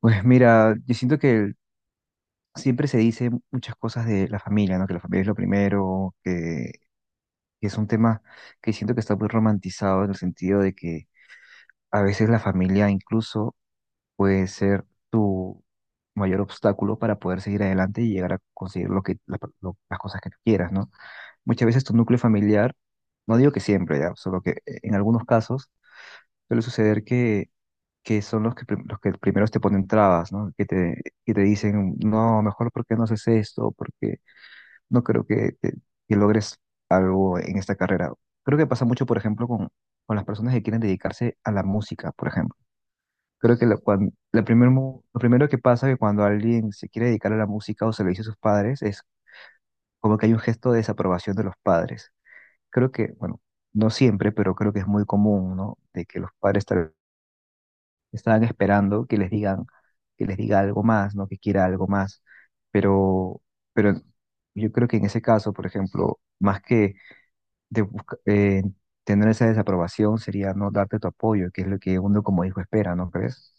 Pues mira, yo siento que siempre se dice muchas cosas de la familia, ¿no? Que la familia es lo primero, que es un tema que siento que está muy romantizado en el sentido de que a veces la familia incluso puede ser tu mayor obstáculo para poder seguir adelante y llegar a conseguir lo que, la- lo- las cosas que tú quieras, ¿no? Muchas veces tu núcleo familiar, no digo que siempre, ya, solo que en algunos casos suele suceder que son los que primeros te ponen trabas, ¿no? Que te dicen, no, mejor porque no haces esto, porque no creo que logres algo en esta carrera. Creo que pasa mucho, por ejemplo, con las personas que quieren dedicarse a la música, por ejemplo. Creo que la, cuan- la primer mo- lo primero que pasa que cuando alguien se quiere dedicar a la música o se lo dice a sus padres es como que hay un gesto de desaprobación de los padres. Creo que, bueno, no siempre, pero creo que es muy común, ¿no? De que los padres tal. Estaban esperando que les digan, que les diga algo más, ¿no? Que quiera algo más. Pero, pero yo creo que en ese caso, por ejemplo, más que de busca- eh, tener esa desaprobación, sería no darte tu apoyo, que es lo que uno como hijo espera, ¿no crees?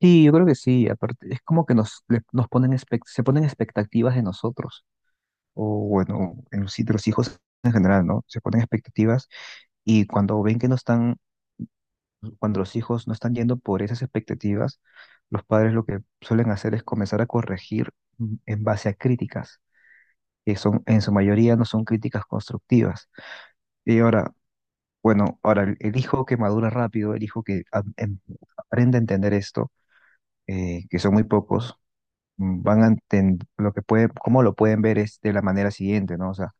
Sí, yo creo que sí. Aparte, es como que nos ponen se ponen expectativas de nosotros, o bueno, en los, sí, de los hijos en general, ¿no? Se ponen expectativas y cuando ven que no están. Cuando los hijos no están yendo por esas expectativas, los padres lo que suelen hacer es comenzar a corregir en base a críticas, que son, en su mayoría no son críticas constructivas. Y ahora, bueno, ahora el hijo que madura rápido, el hijo aprende a entender esto, que son muy pocos, mm, van a entender lo que puede, cómo lo pueden ver es de la manera siguiente, ¿no? O sea,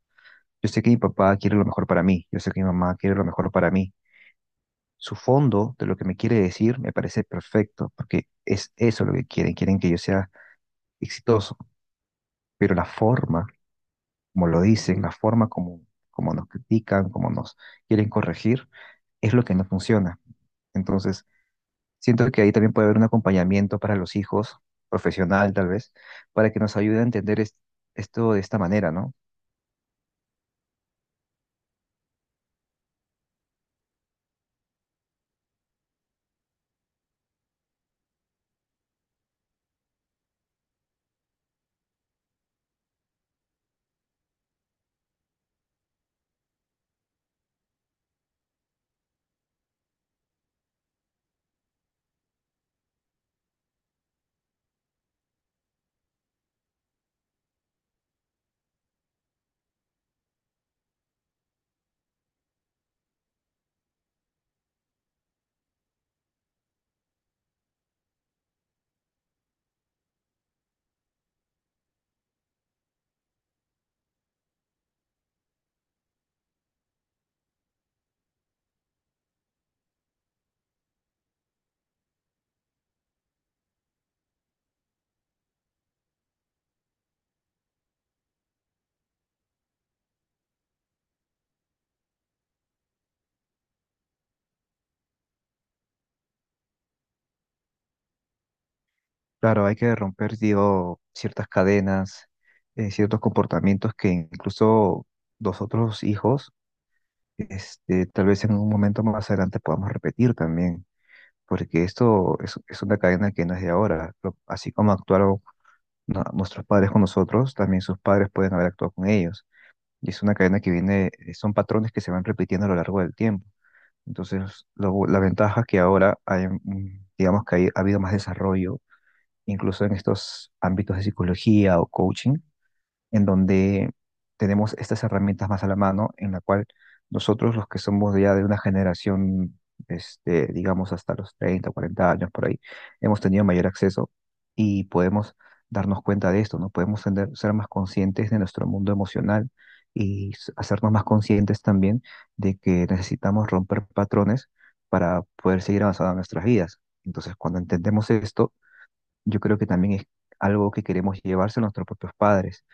yo sé que mi papá quiere lo mejor para mí, yo sé que mi mamá quiere lo mejor para mí, su fondo de lo que me quiere decir me parece perfecto, porque es eso lo que quieren, quieren que yo sea exitoso, pero la forma, como lo dicen, la forma como, como nos critican, como nos quieren corregir, es lo que no funciona. Entonces, siento que ahí también puede haber un acompañamiento para los hijos, profesional tal vez, para que nos ayude a entender esto de esta manera, ¿no? Claro, hay que romper, digo, ciertas cadenas, ciertos comportamientos que incluso los otros hijos. Este, tal vez en un momento más adelante podamos repetir también, porque es una cadena que no es de ahora. Así como actuaron nuestros padres con nosotros, también sus padres pueden haber actuado con ellos. Y es una cadena que viene, son patrones que se van repitiendo a lo largo del tiempo. Entonces, la ventaja es que ahora hay, mm, digamos que ha habido más desarrollo, incluso en estos ámbitos de psicología o coaching, en donde tenemos estas herramientas más a la mano, en la cual nosotros los que somos ya de una generación, este, digamos hasta los 30 o 40 años por ahí, hemos tenido mayor acceso y podemos darnos cuenta de esto, ¿no? Ser más conscientes de nuestro mundo emocional y hacernos más conscientes también de que necesitamos romper patrones para poder seguir avanzando en nuestras vidas. Entonces, cuando entendemos esto, yo creo que también es algo que queremos llevarse a nuestros propios padres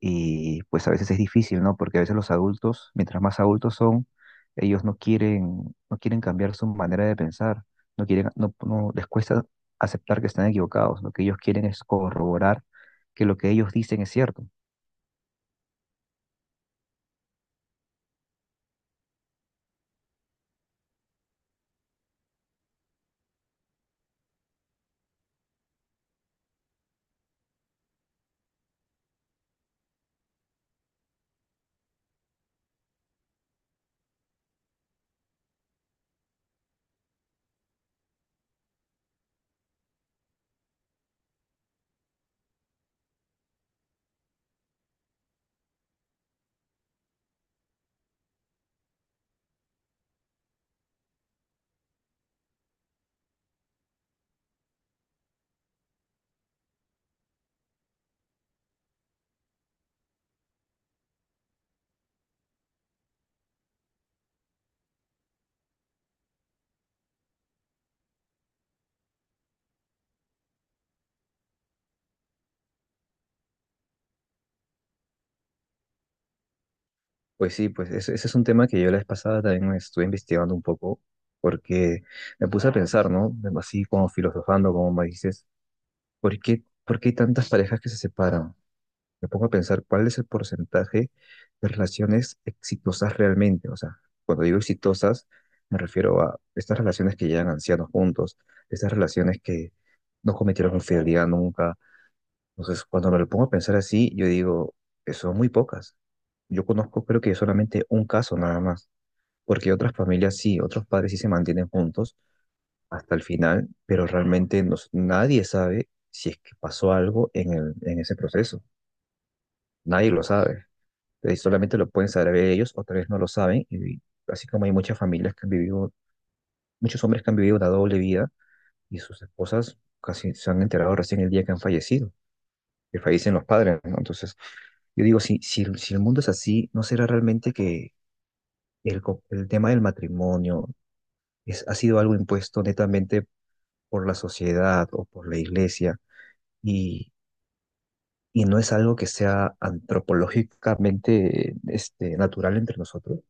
y pues a veces es difícil, ¿no? Porque a veces los adultos, mientras más adultos son, ellos no quieren cambiar su manera de pensar, no quieren, les cuesta aceptar que están equivocados. Lo que ellos quieren es corroborar que lo que ellos dicen es cierto. Pues sí, pues ese es un tema que yo la vez pasada también me estuve investigando un poco, porque me puse a pensar, ¿no? Así como filosofando, como me dices, ¿por qué hay tantas parejas que se separan? Me pongo a pensar cuál es el porcentaje de relaciones exitosas realmente. O sea, cuando digo exitosas, me refiero a estas relaciones que llegan ancianos juntos, estas relaciones que no cometieron infidelidad nunca. Entonces, cuando me lo pongo a pensar así, yo digo, son muy pocas. Yo conozco, creo que solamente un caso nada más, porque otras familias sí, otros padres sí se mantienen juntos hasta el final, pero realmente nadie sabe si es que pasó algo en ese proceso. Nadie lo sabe. Solamente lo pueden saber ellos, o tal vez no lo saben. Y así como hay muchas familias que han vivido, muchos hombres que han vivido una doble vida y sus esposas casi se han enterado recién el día que han fallecido, que fallecen los padres, ¿no? Entonces, yo digo, si el mundo es así, ¿no será realmente que el tema del matrimonio es, ha sido algo impuesto netamente por la sociedad o por la iglesia y, y no es algo que sea antropológicamente este, natural entre nosotros?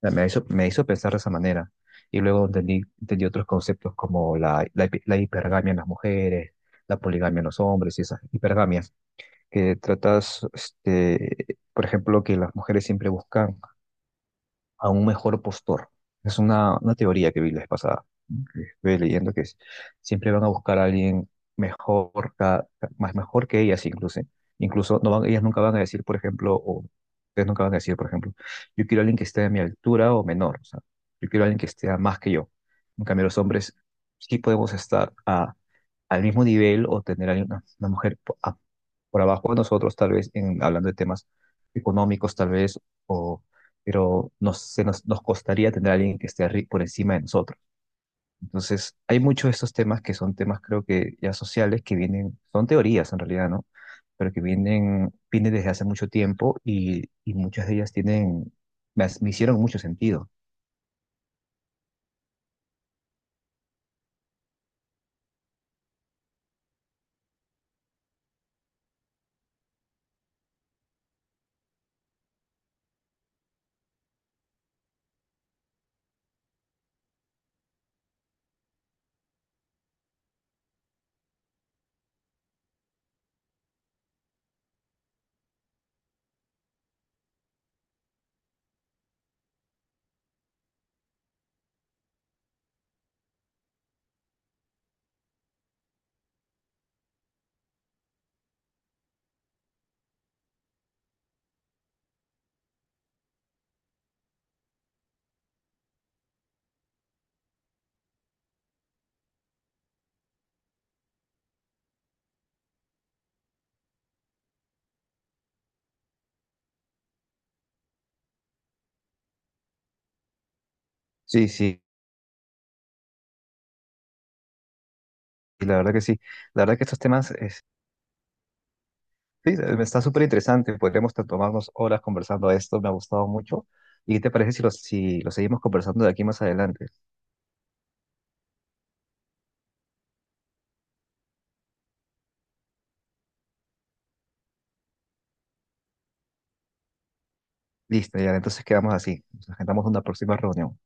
Sea, me hizo pensar de esa manera. Y luego entendí, entendí otros conceptos como la hipergamia en las mujeres, la poligamia en los hombres y esas hipergamias, que tratas, este, por ejemplo, que las mujeres siempre buscan a un mejor postor. Es una teoría que vi la vez pasada, que estuve leyendo, que es, siempre van a buscar a alguien mejor, más mejor que ellas incluso. Incluso no van, ellas nunca van a decir, por ejemplo, o ustedes nunca van a decir, por ejemplo, yo quiero a alguien que esté a mi altura o menor. O sea, yo quiero a alguien que esté a más que yo. En cambio, los hombres sí podemos estar a, al mismo nivel o tener a una mujer por abajo de nosotros, tal vez, en, hablando de temas económicos, tal vez, o pero nos costaría tener a alguien que esté por encima de nosotros. Entonces, hay muchos de estos temas que son temas, creo que ya sociales, que vienen, son teorías en realidad, ¿no? Pero que vienen, vienen desde hace mucho tiempo y muchas de ellas tienen, me hicieron mucho sentido. Sí, sí, y la verdad que sí. La verdad que estos temas, es, sí, está súper interesante. Podríamos tomarnos horas conversando de esto, me ha gustado mucho. ¿Y qué te parece si si los seguimos conversando de aquí más adelante? Listo, ya, entonces quedamos así. Nos agendamos una próxima reunión.